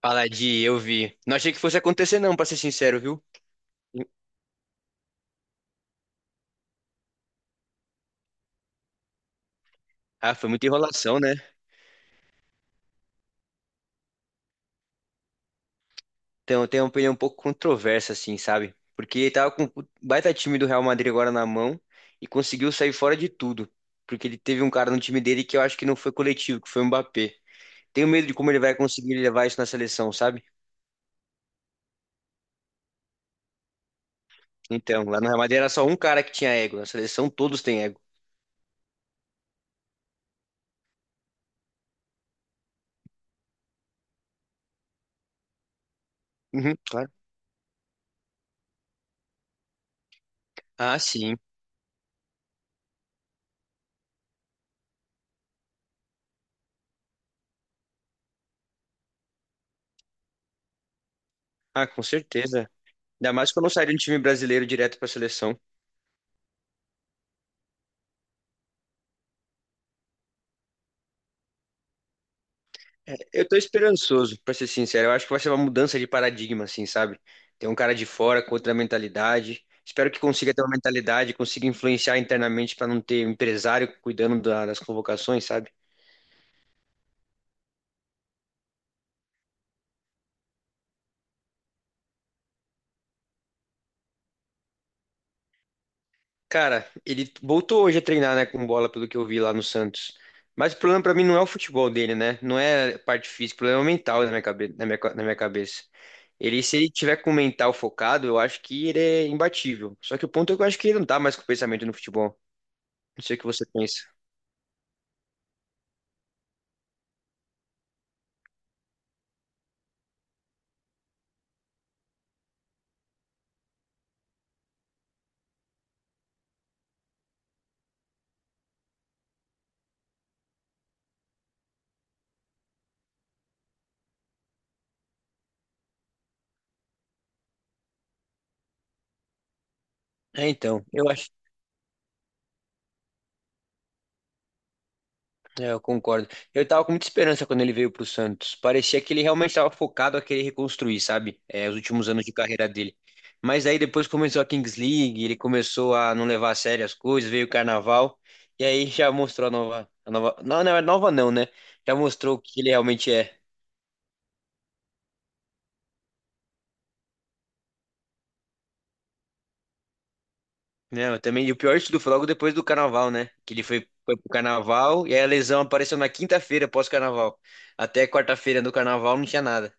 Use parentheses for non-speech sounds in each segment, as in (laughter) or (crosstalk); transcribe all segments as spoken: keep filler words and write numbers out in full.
Fala de eu vi. Não achei que fosse acontecer, não, pra ser sincero, viu? Ah, foi muita enrolação, né? Então, eu tenho uma opinião um pouco controversa, assim, sabe? Porque ele tava com o baita time do Real Madrid agora na mão e conseguiu sair fora de tudo. Porque ele teve um cara no time dele que eu acho que não foi coletivo, que foi o Mbappé. Tenho medo de como ele vai conseguir levar isso na seleção, sabe? Então, lá no Real Madrid era só um cara que tinha ego. Na seleção, todos têm ego. Uhum, claro. Ah, sim. Ah, com certeza. Ainda mais que eu não sairia de um time brasileiro direto pra seleção. É, eu tô esperançoso, pra ser sincero. Eu acho que vai ser uma mudança de paradigma, assim, sabe? Tem um cara de fora com outra mentalidade. Espero que consiga ter uma mentalidade, consiga influenciar internamente pra não ter um empresário cuidando da- das convocações, sabe? Cara, ele voltou hoje a treinar, né, com bola, pelo que eu vi lá no Santos. Mas o problema pra mim não é o futebol dele, né? Não é a parte física, o problema é o mental na minha cabe- na minha ca- na minha cabeça. Ele, se ele tiver com o mental focado, eu acho que ele é imbatível. Só que o ponto é que eu acho que ele não tá mais com o pensamento no futebol. Não sei o que você pensa. É, então, eu acho, é, eu concordo. Eu tava com muita esperança quando ele veio pro Santos. Parecia que ele realmente estava focado a querer reconstruir, sabe? É, os últimos anos de carreira dele. Mas aí depois começou a Kings League, ele começou a não levar a sério as coisas, veio o Carnaval, e aí já mostrou a nova, a nova, não, não é nova não, né? Já mostrou o que ele realmente é. Não, eu também, e o pior de tudo foi logo depois do Carnaval, né? Que ele foi, foi pro Carnaval, e aí a lesão apareceu na quinta-feira, pós-Carnaval. Até quarta-feira do Carnaval não tinha nada,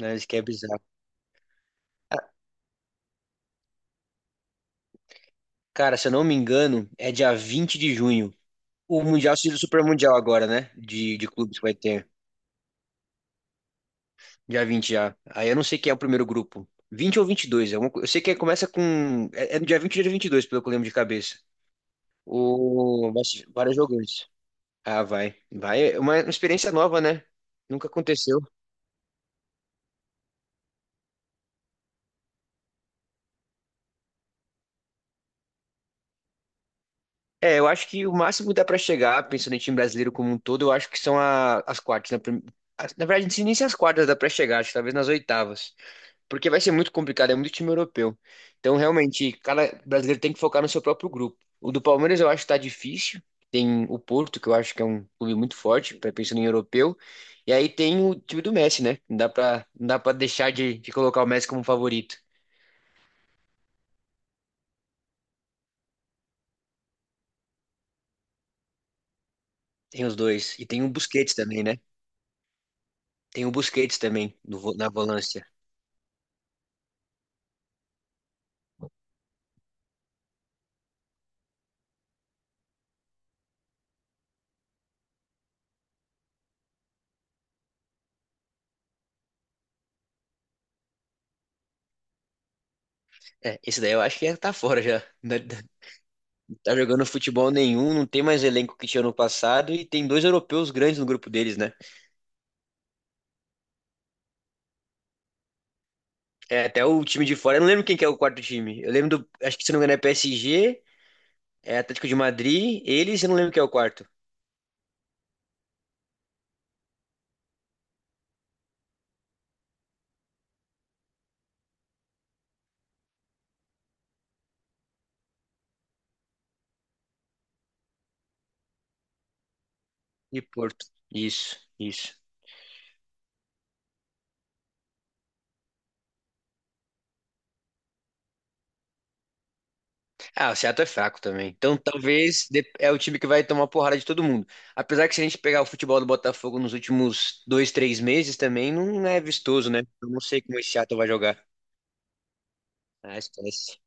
né? Isso que é bizarro. Cara, se eu não me engano, é dia vinte de junho. O Mundial seria o Super Mundial agora, né? De, de clubes que vai ter. Dia vinte já. Aí eu não sei quem é o primeiro grupo, vinte ou vinte e dois. é uma co- Eu sei que começa com. É, é no dia vinte ou dia vinte e dois, pelo que eu lembro de cabeça. O... vai ser vários jogadores. Ah, vai. Vai. É uma uma experiência nova, né? Nunca aconteceu. É, eu acho que o máximo que dá pra chegar, pensando em time brasileiro como um todo, eu acho que são a- as quartas, né? Prim- as- Na verdade, não sei nem se as quartas dá pra chegar, acho que talvez nas oitavas. Porque vai ser muito complicado, é muito time europeu. Então, realmente, cada brasileiro tem que focar no seu próprio grupo. O do Palmeiras eu acho que tá difícil. Tem o Porto, que eu acho que é um clube muito forte, pra- pensando em europeu. E aí tem o time do Messi, né? Não dá pra, não dá pra deixar de, de colocar o Messi como favorito. Tem os dois. E tem o Busquets também, né? Tem o Busquets também no vo- na volância. É, esse daí eu acho que já tá fora já. (laughs) Não é, tá jogando futebol nenhum, não tem mais elenco que tinha no passado e tem dois europeus grandes no grupo deles, né? É, até o time de fora. Eu não lembro quem que é o quarto time. Eu lembro do. Acho que se não me engano é P S G, é Atlético de Madrid, eles, eu não lembro quem é o quarto. E Porto. Isso, isso. Ah, o Seattle é fraco também. Então talvez de- é o time que vai tomar porrada de todo mundo. Apesar que se a gente pegar o futebol do Botafogo nos últimos dois, três meses também, não é vistoso, né? Eu não sei como esse Seattle vai jogar. Ah, esquece.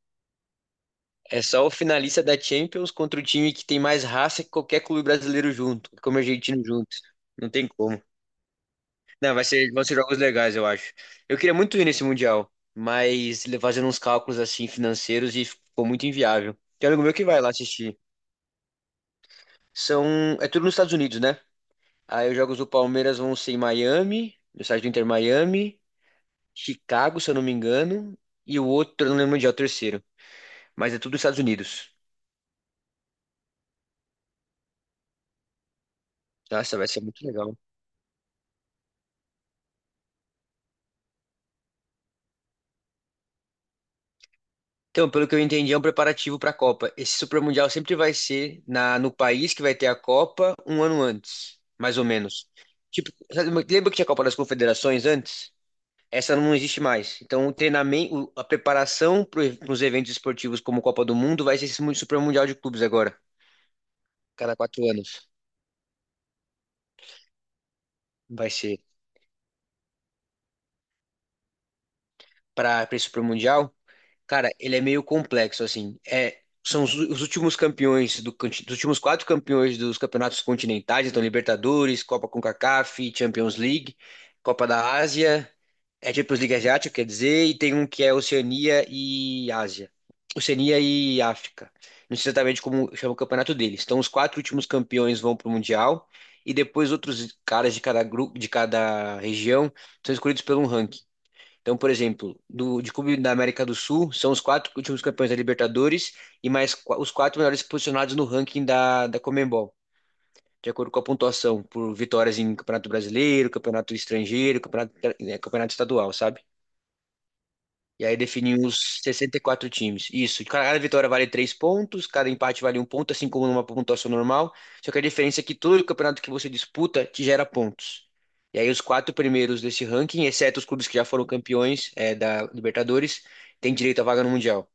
É só o finalista da Champions contra o time que tem mais raça que qualquer clube brasileiro junto, como o argentino junto. Não tem como. Não, vai ser, vão ser jogos legais, eu acho. Eu queria muito ir nesse Mundial, mas le- fazendo uns cálculos assim financeiros e ficou muito inviável. Tem amigo meu que vai lá assistir. São, é tudo nos Estados Unidos, né? Aí os jogos do Palmeiras vão ser em Miami, no estádio do Inter Miami, Chicago, se eu não me engano, e o outro, eu não lembro onde é o terceiro, mas é tudo nos Estados Unidos. Nossa, vai ser muito legal. Então, pelo que eu entendi, é um preparativo para a Copa. Esse Super Mundial sempre vai ser na, no país que vai ter a Copa um ano antes, mais ou menos. Tipo, sabe, lembra que tinha a Copa das Confederações antes? Essa não existe mais. Então, o treinamento, o- a preparação para os eventos esportivos como Copa do Mundo vai ser esse mu- Super Mundial de clubes agora, cada quatro anos. Vai ser para esse Super Mundial. Cara, ele é meio complexo, assim. É, são os, os últimos campeões do, conti- dos últimos quatro campeões dos campeonatos continentais, então Libertadores, Copa CONCACAF, Champions League, Copa da Ásia, é Champions League Asiática, quer dizer, e tem um que é Oceania e Ásia. Oceania e África. Não sei exatamente como chama o campeonato deles. Então, os quatro últimos campeões vão para o Mundial e depois outros caras de cada grupo, de cada região, são escolhidos pelo um ranking. Então, por exemplo, do, de clube da América do Sul, são os quatro últimos campeões da Libertadores e mais qua- os quatro melhores posicionados no ranking da, da Conmebol, de acordo com a pontuação por vitórias em Campeonato Brasileiro, Campeonato Estrangeiro, Campeonato, eh, campeonato Estadual, sabe? E aí definiu os sessenta e quatro times. Isso. Cada vitória vale três pontos, cada empate vale um ponto, assim como numa pontuação normal. Só que a diferença é que todo campeonato que você disputa te gera pontos. E aí os quatro primeiros desse ranking, exceto os clubes que já foram campeões é, da Libertadores, têm direito à vaga no Mundial.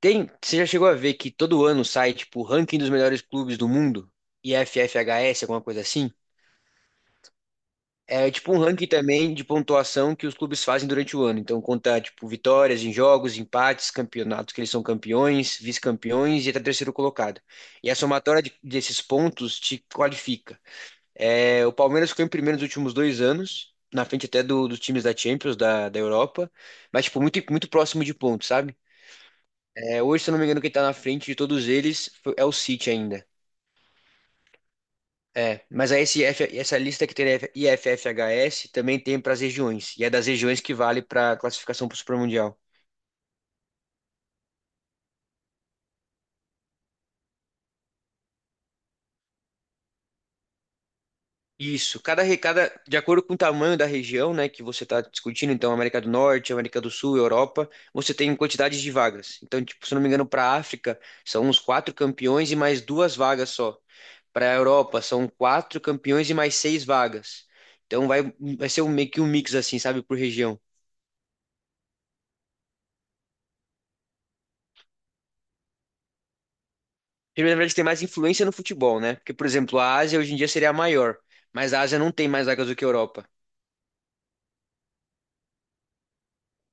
Tem, você já chegou a ver que todo ano sai, tipo, o ranking dos melhores clubes do mundo? I F F H S, alguma coisa assim? É tipo um ranking também de pontuação que os clubes fazem durante o ano. Então conta tipo vitórias em jogos, empates, campeonatos que eles são campeões, vice-campeões e até terceiro colocado. E a somatória de- desses pontos te qualifica. É, o Palmeiras ficou em primeiro nos últimos dois anos, na frente até do- dos times da Champions, da, da Europa, mas tipo muito muito próximo de pontos, sabe? É, hoje, se eu não me engano, quem tá na frente de todos eles foi- é o City ainda. É, mas aí esse F essa lista que tem I F F H S também tem para as regiões, e é das regiões que vale para a classificação para o Supermundial. Isso, cada, re- cada, de acordo com o tamanho da região, né, que você está discutindo, então América do Norte, América do Sul, Europa, você tem quantidades de vagas. Então, tipo, se eu não me engano, para a África são uns quatro campeões e mais duas vagas só. Para a Europa são quatro campeões e mais seis vagas. Então vai, vai ser um, meio que um mix assim, sabe, por região. Ele, na verdade, tem mais influência no futebol, né? Porque, por exemplo, a Ásia hoje em dia seria a maior, mas a Ásia não tem mais vagas do que a Europa.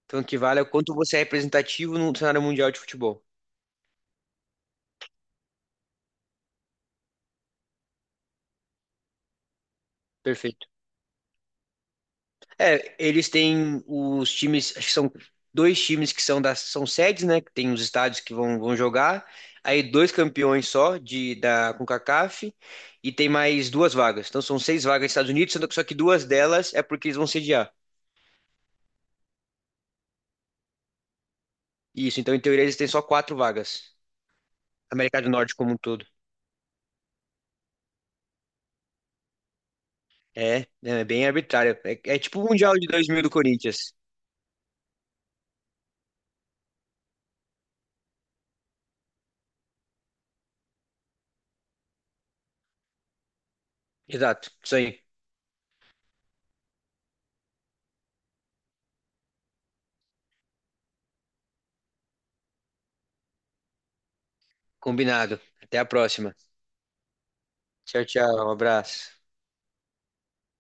Então, o que vale é o quanto você é representativo no cenário mundial de futebol. Perfeito. É, eles têm os times, acho que são dois times que são das, são sedes, né? Que tem os estádios que vão, vão jogar. Aí dois campeões só de da CONCACAF e tem mais duas vagas. Então são seis vagas nos Estados Unidos, sendo que só que duas delas é porque eles vão sediar. Isso, então em teoria eles têm só quatro vagas. América do Norte como um todo. É, né, é bem arbitrário. É, é tipo o Mundial de dois mil do Corinthians. Exato, isso aí. Combinado. Até a próxima. Tchau, tchau. Um abraço.